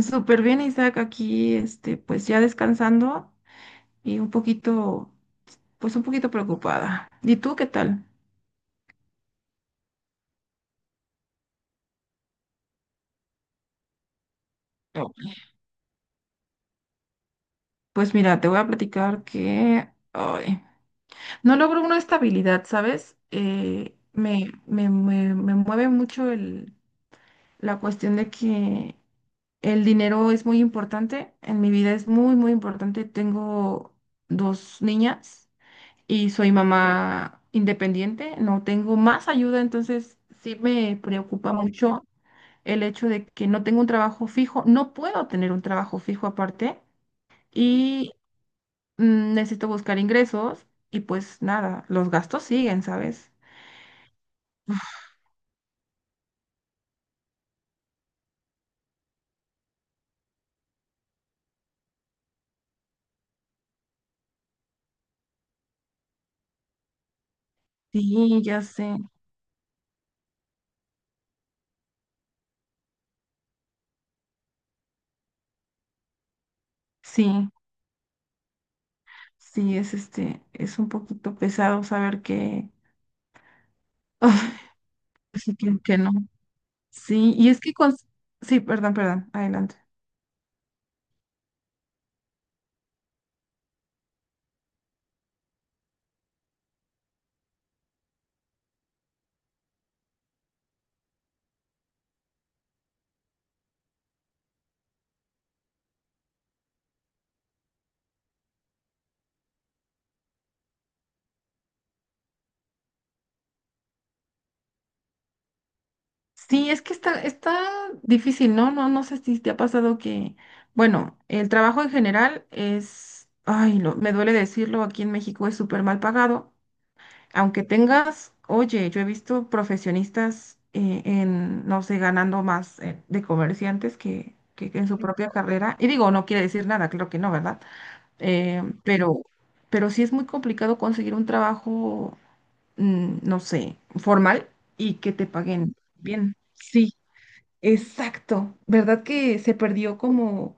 Súper bien, Isaac, aquí, pues ya descansando y pues un poquito preocupada. ¿Y tú qué tal? Oh. Pues mira, te voy a platicar que ay, no logro una estabilidad, ¿sabes? Me mueve mucho la cuestión de que el dinero es muy importante, en mi vida es muy, muy importante. Tengo dos niñas y soy mamá independiente, no tengo más ayuda, entonces sí me preocupa mucho el hecho de que no tengo un trabajo fijo, no puedo tener un trabajo fijo aparte y necesito buscar ingresos y pues nada, los gastos siguen, ¿sabes? Sí, ya sé, sí, sí, es un poquito pesado saber que, sí, que no. Sí, sí, perdón, adelante. Sí, es que está difícil, ¿no? No, no sé si te ha pasado que, bueno, el trabajo en general es, ay, me duele decirlo, aquí en México es súper mal pagado. Aunque tengas, oye, yo he visto profesionistas en, no sé, ganando más de comerciantes que en su propia carrera. Y digo, no quiere decir nada, claro que no, ¿verdad? Eh, pero, pero sí es muy complicado conseguir un trabajo, no sé, formal y que te paguen bien. Sí. Exacto, ¿verdad que se perdió como,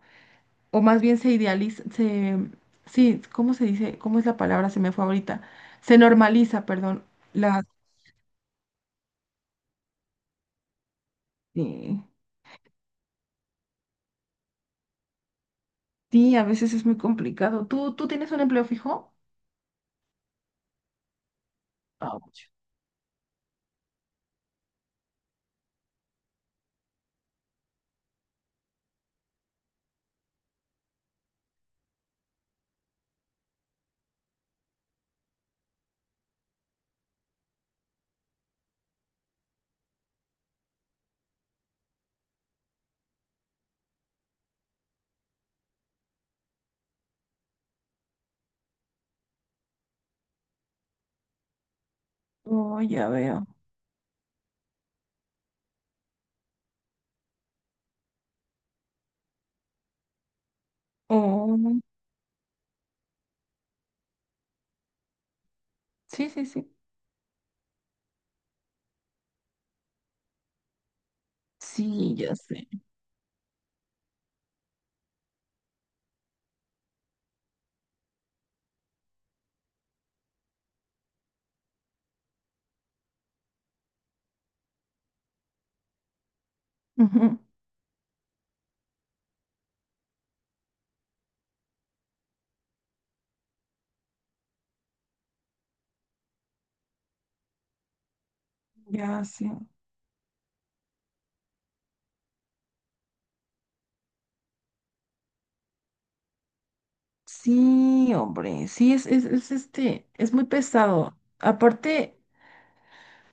o más bien se idealiza, sí, ¿cómo se dice? ¿Cómo es la palabra? Se me fue ahorita. Se normaliza, perdón. La, eh, sí, a veces es muy complicado. ¿Tú tienes un empleo fijo? Ouch. Oh, ya veo. Oh, sí, sí, sí. Sí, ya sé. Ujú. Ya sé. Sí, hombre, sí, es muy pesado. Aparte.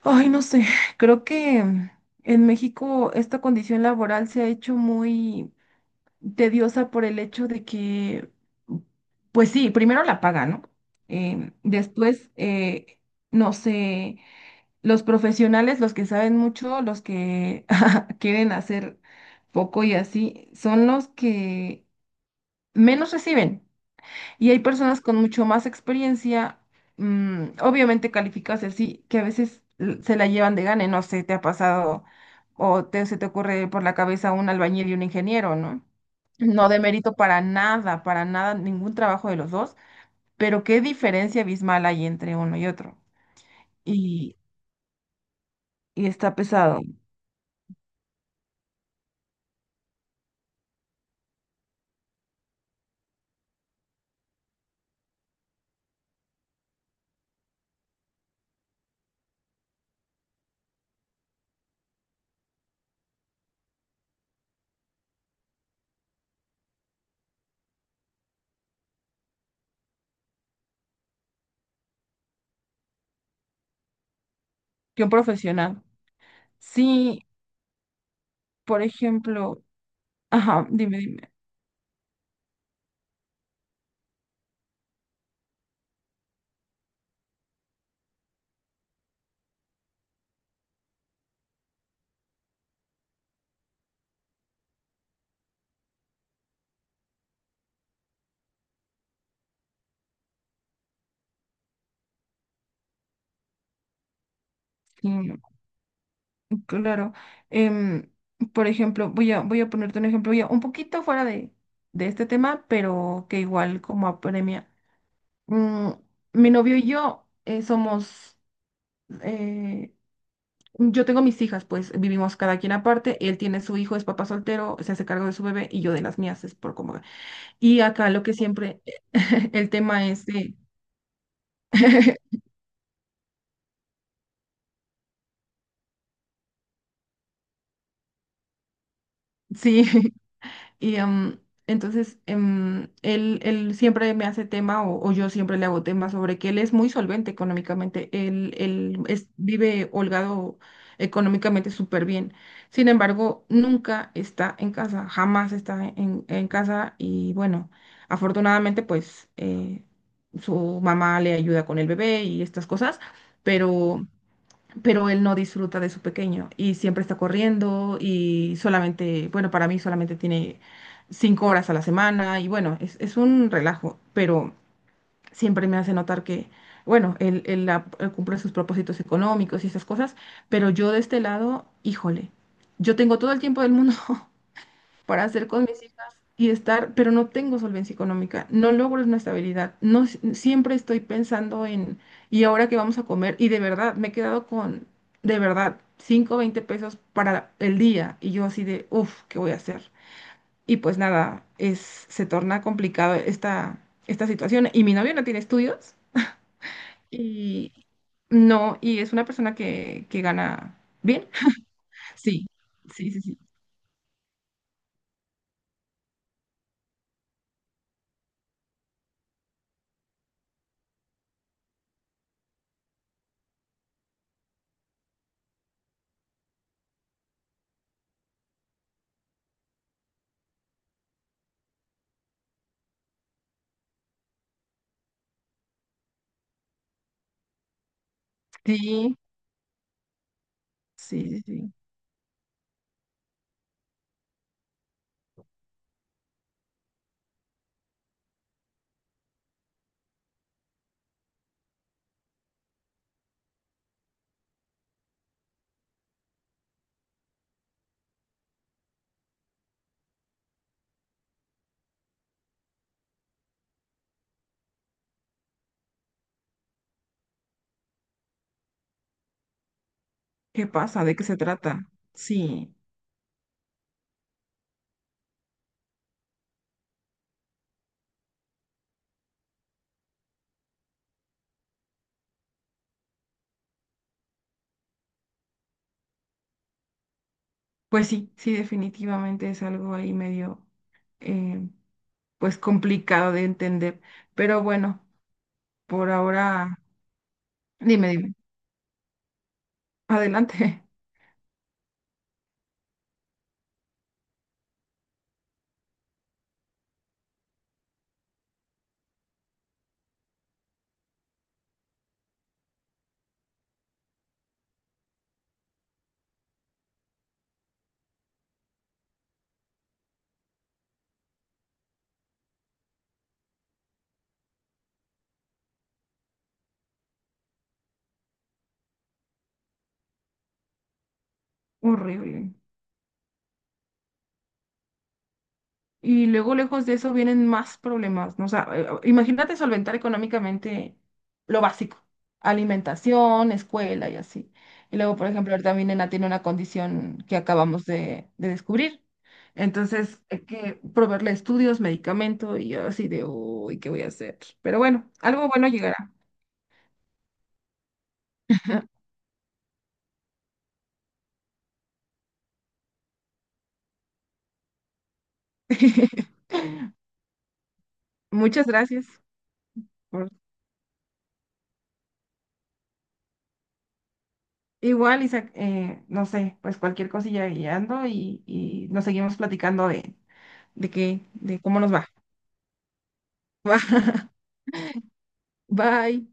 Ay, no sé, creo que en México esta condición laboral se ha hecho muy tediosa por el hecho de que, pues sí, primero la paga, ¿no? Después, no sé, los profesionales, los que saben mucho, los que quieren hacer poco y así, son los que menos reciben. Y hay personas con mucho más experiencia, obviamente calificadas y así, que a veces se la llevan de gane, no sé, te ha pasado o se te ocurre por la cabeza un albañil y un ingeniero, ¿no? No de mérito para nada, ningún trabajo de los dos, pero qué diferencia abismal hay entre uno y otro. Y, y está pesado que un profesional. Sí, por ejemplo, ajá, dime, dime. Sí. Claro. Em, por ejemplo, voy a ponerte un ejemplo ya un poquito fuera de este tema, pero que igual como apremia. Mm, mi novio y yo eh, yo tengo mis hijas, pues vivimos cada quien aparte, él tiene su hijo, es papá soltero, se hace cargo de su bebé y yo de las mías, es por como. Y acá lo que siempre, el tema es de. Sí. Y em, entonces él siempre me hace tema o yo siempre le hago tema sobre que él es muy solvente económicamente, vive holgado económicamente súper bien. Sin embargo, nunca está en casa, jamás está en casa y bueno, afortunadamente pues su mamá le ayuda con el bebé y estas cosas, pero pero él no disfruta de su pequeño y siempre está corriendo y solamente, bueno, para mí solamente tiene 5 horas a la semana y bueno, es un relajo, pero siempre me hace notar que, bueno, él cumple sus propósitos económicos y esas cosas, pero yo de este lado, híjole, yo tengo todo el tiempo del mundo para hacer con mis hijas y estar, pero no tengo solvencia económica, no logro una estabilidad, no siempre estoy pensando en, ¿y ahora qué vamos a comer? Y de verdad, me he quedado con, de verdad, $5.20 para el día y yo así de, uff, ¿qué voy a hacer? Y pues nada, se torna complicado esta situación y mi novio no tiene estudios y no, y es una persona que gana bien. Sí, sí, sí, sí. Sí, sí, sí, sí. ¿Qué pasa? ¿De qué se trata? Sí, pues sí, sí, definitivamente es algo ahí medio, eh, pues complicado de entender. Pero bueno, por ahora, dime, dime, adelante. Horrible. Y luego, lejos de eso, vienen más problemas, ¿no? O sea, imagínate solventar económicamente lo básico, alimentación, escuela y así. Y luego, por ejemplo, ahorita mi nena tiene una condición que acabamos de descubrir. Entonces, hay que proveerle estudios, medicamento y yo así de, uy, ¿qué voy a hacer? Pero bueno, algo bueno llegará. Muchas gracias. por- Igual, Isaac, no sé, pues cualquier cosilla guiando y nos seguimos platicando de qué, de cómo nos va. Bye.